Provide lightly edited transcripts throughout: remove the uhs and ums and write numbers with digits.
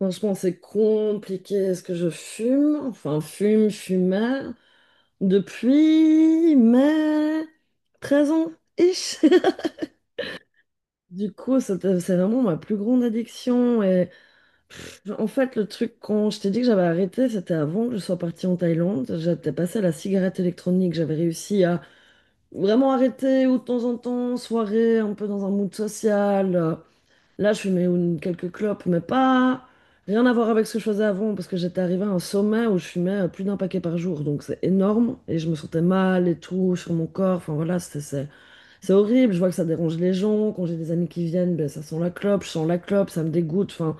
Franchement, c'est compliqué. Est-ce que je fume? Enfin, fume, fumais. Depuis mai 13 ans, ish. Du coup, c'est vraiment ma plus grande addiction. Et en fait, le truc, quand je t'ai dit que j'avais arrêté, c'était avant que je sois partie en Thaïlande. J'étais passée à la cigarette électronique. J'avais réussi à vraiment arrêter ou de temps en temps, soirée, un peu dans un mood social. Là, je fumais quelques clopes, mais pas rien à voir avec ce que je faisais avant, parce que j'étais arrivée à un sommet où je fumais plus d'un paquet par jour, donc c'est énorme, et je me sentais mal et tout sur mon corps. Enfin voilà, c'est horrible. Je vois que ça dérange les gens. Quand j'ai des amis qui viennent, ben, ça sent la clope, je sens la clope, ça me dégoûte. Enfin,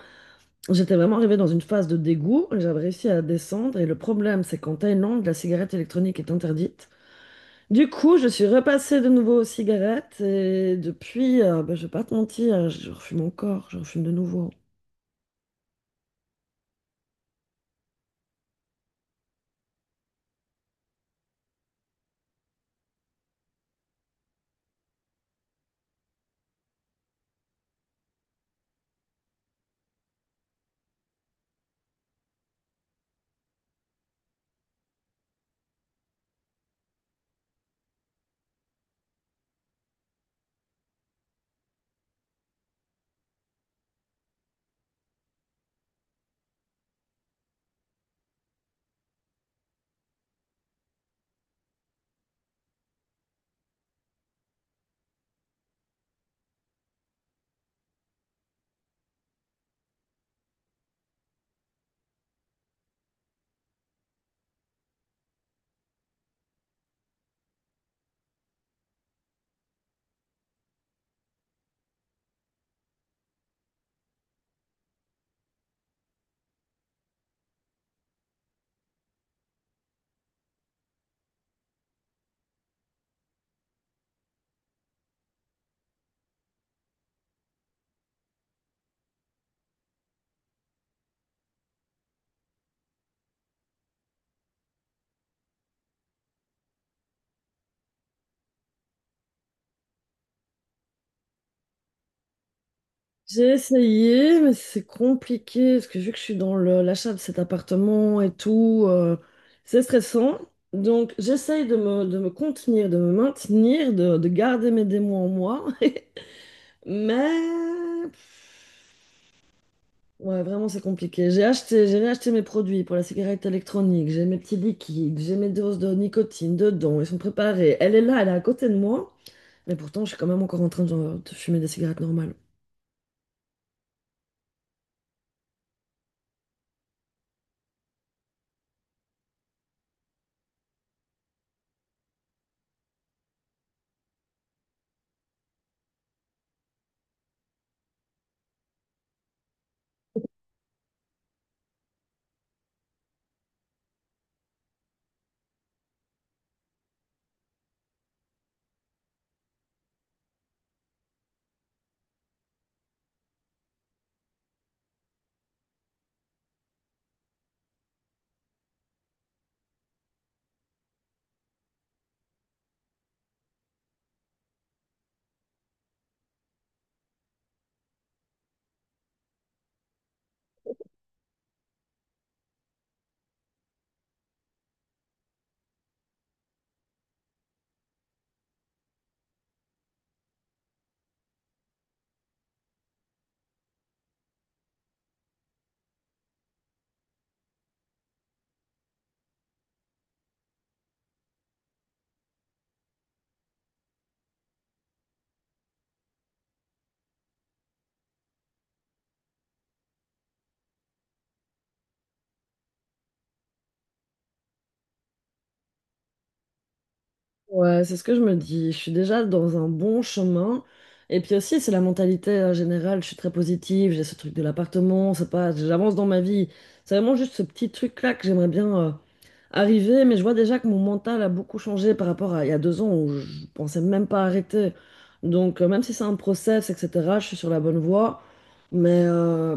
j'étais vraiment arrivée dans une phase de dégoût, et j'avais réussi à descendre, et le problème, c'est qu'en Thaïlande, la cigarette électronique est interdite. Du coup, je suis repassée de nouveau aux cigarettes et depuis, bah, je vais pas te mentir, je refume encore, je refume de nouveau. J'ai essayé, mais c'est compliqué parce que vu que je suis dans l'achat de cet appartement et tout, c'est stressant. Donc j'essaye de me contenir, de me maintenir, de garder mes démons en moi. Mais ouais, vraiment c'est compliqué. J'ai acheté, j'ai réacheté mes produits pour la cigarette électronique. J'ai mes petits liquides, j'ai mes doses de nicotine dedans. Ils sont préparés. Elle est là, elle est à côté de moi. Mais pourtant, je suis quand même encore en train de fumer des cigarettes normales. Ouais, c'est ce que je me dis. Je suis déjà dans un bon chemin. Et puis aussi, c'est la mentalité générale. Je suis très positive. J'ai ce truc de l'appartement. C'est pas, j'avance dans ma vie. C'est vraiment juste ce petit truc-là que j'aimerais bien arriver. Mais je vois déjà que mon mental a beaucoup changé par rapport à il y a 2 ans où je pensais même pas arrêter. Donc, même si c'est un process, etc., je suis sur la bonne voie. Mais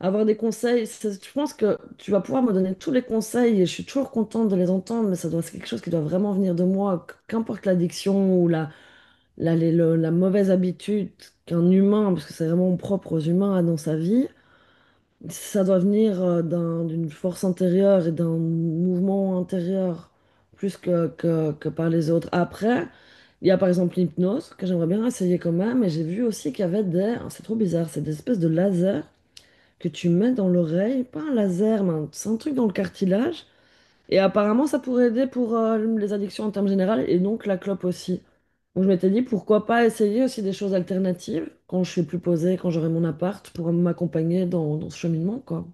avoir des je pense que tu vas pouvoir me donner tous les conseils et je suis toujours contente de les entendre, mais ça doit, c'est quelque chose qui doit vraiment venir de moi, qu'importe l'addiction ou la mauvaise habitude qu'un humain, parce que c'est vraiment propre aux humains, a dans sa vie, ça doit venir d'une force intérieure et d'un mouvement intérieur plus que par les autres. Après, il y a par exemple l'hypnose, que j'aimerais bien essayer quand même, et j'ai vu aussi qu'il y avait des, c'est trop bizarre, c'est des espèces de lasers que tu mets dans l'oreille, pas un laser, mais c'est un truc dans le cartilage. Et apparemment, ça pourrait aider pour les addictions en termes généraux et donc la clope aussi. Donc je m'étais dit, pourquoi pas essayer aussi des choses alternatives quand je suis plus posée, quand j'aurai mon appart, pour m'accompagner dans, dans ce cheminement, quoi.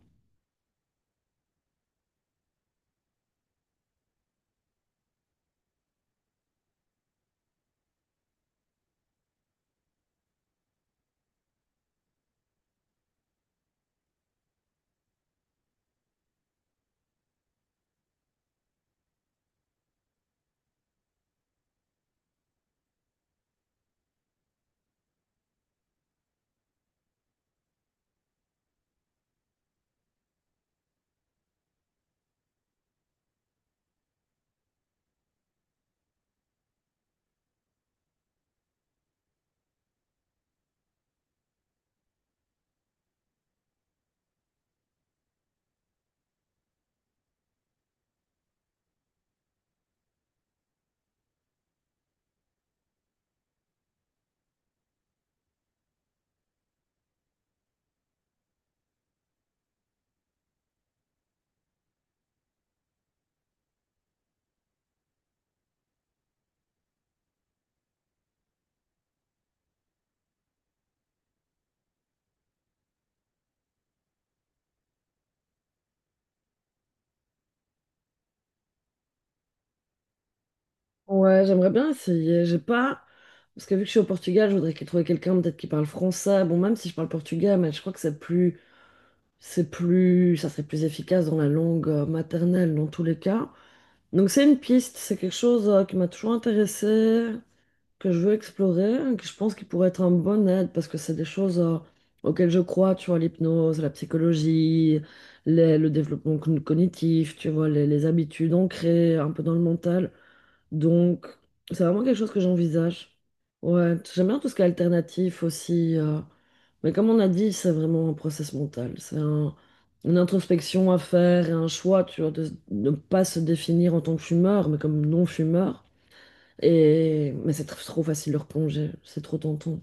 Ouais, j'aimerais bien essayer. J'ai pas... Parce que vu que je suis au Portugal, je voudrais trouver quelqu'un peut-être qui parle français. Bon, même si je parle portugais, mais je crois que c'est plus... C'est plus, ça serait plus efficace dans la langue maternelle dans tous les cas. Donc c'est une piste, c'est quelque chose qui m'a toujours intéressée, que je veux explorer, que je pense qui pourrait être un bon aide parce que c'est des choses auxquelles je crois, tu vois, l'hypnose, la psychologie, le développement cognitif, tu vois, les habitudes ancrées un peu dans le mental. Donc, c'est vraiment quelque chose que j'envisage. Ouais, j'aime bien tout ce qui est alternatif aussi. Mais comme on a dit, c'est vraiment un process mental. Une introspection à faire et un choix, tu vois, de ne pas se définir en tant que fumeur, mais comme non-fumeur. Et... Mais c'est trop facile de replonger. C'est trop tentant.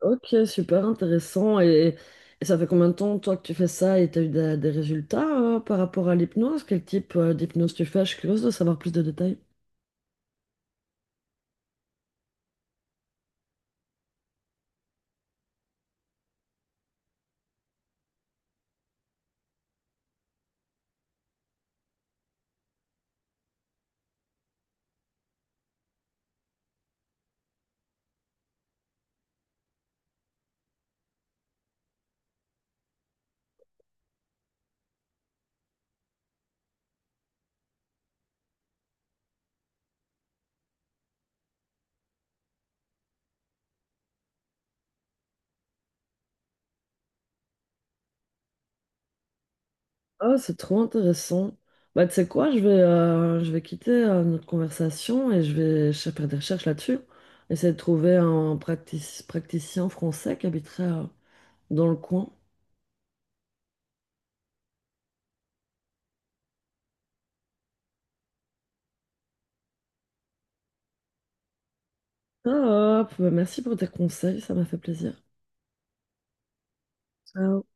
Ok, super intéressant. Et ça fait combien de temps, toi, que tu fais ça et t'as eu des résultats par rapport à l'hypnose? Quel type d'hypnose tu fais? Je suis curieuse de savoir plus de détails. Ah, c'est trop intéressant. Bah, tu sais quoi, je vais quitter notre conversation et je vais faire des recherches là-dessus. Essayer de trouver un praticien français qui habiterait dans le coin. Top, merci pour tes conseils, ça m'a fait plaisir. Ciao.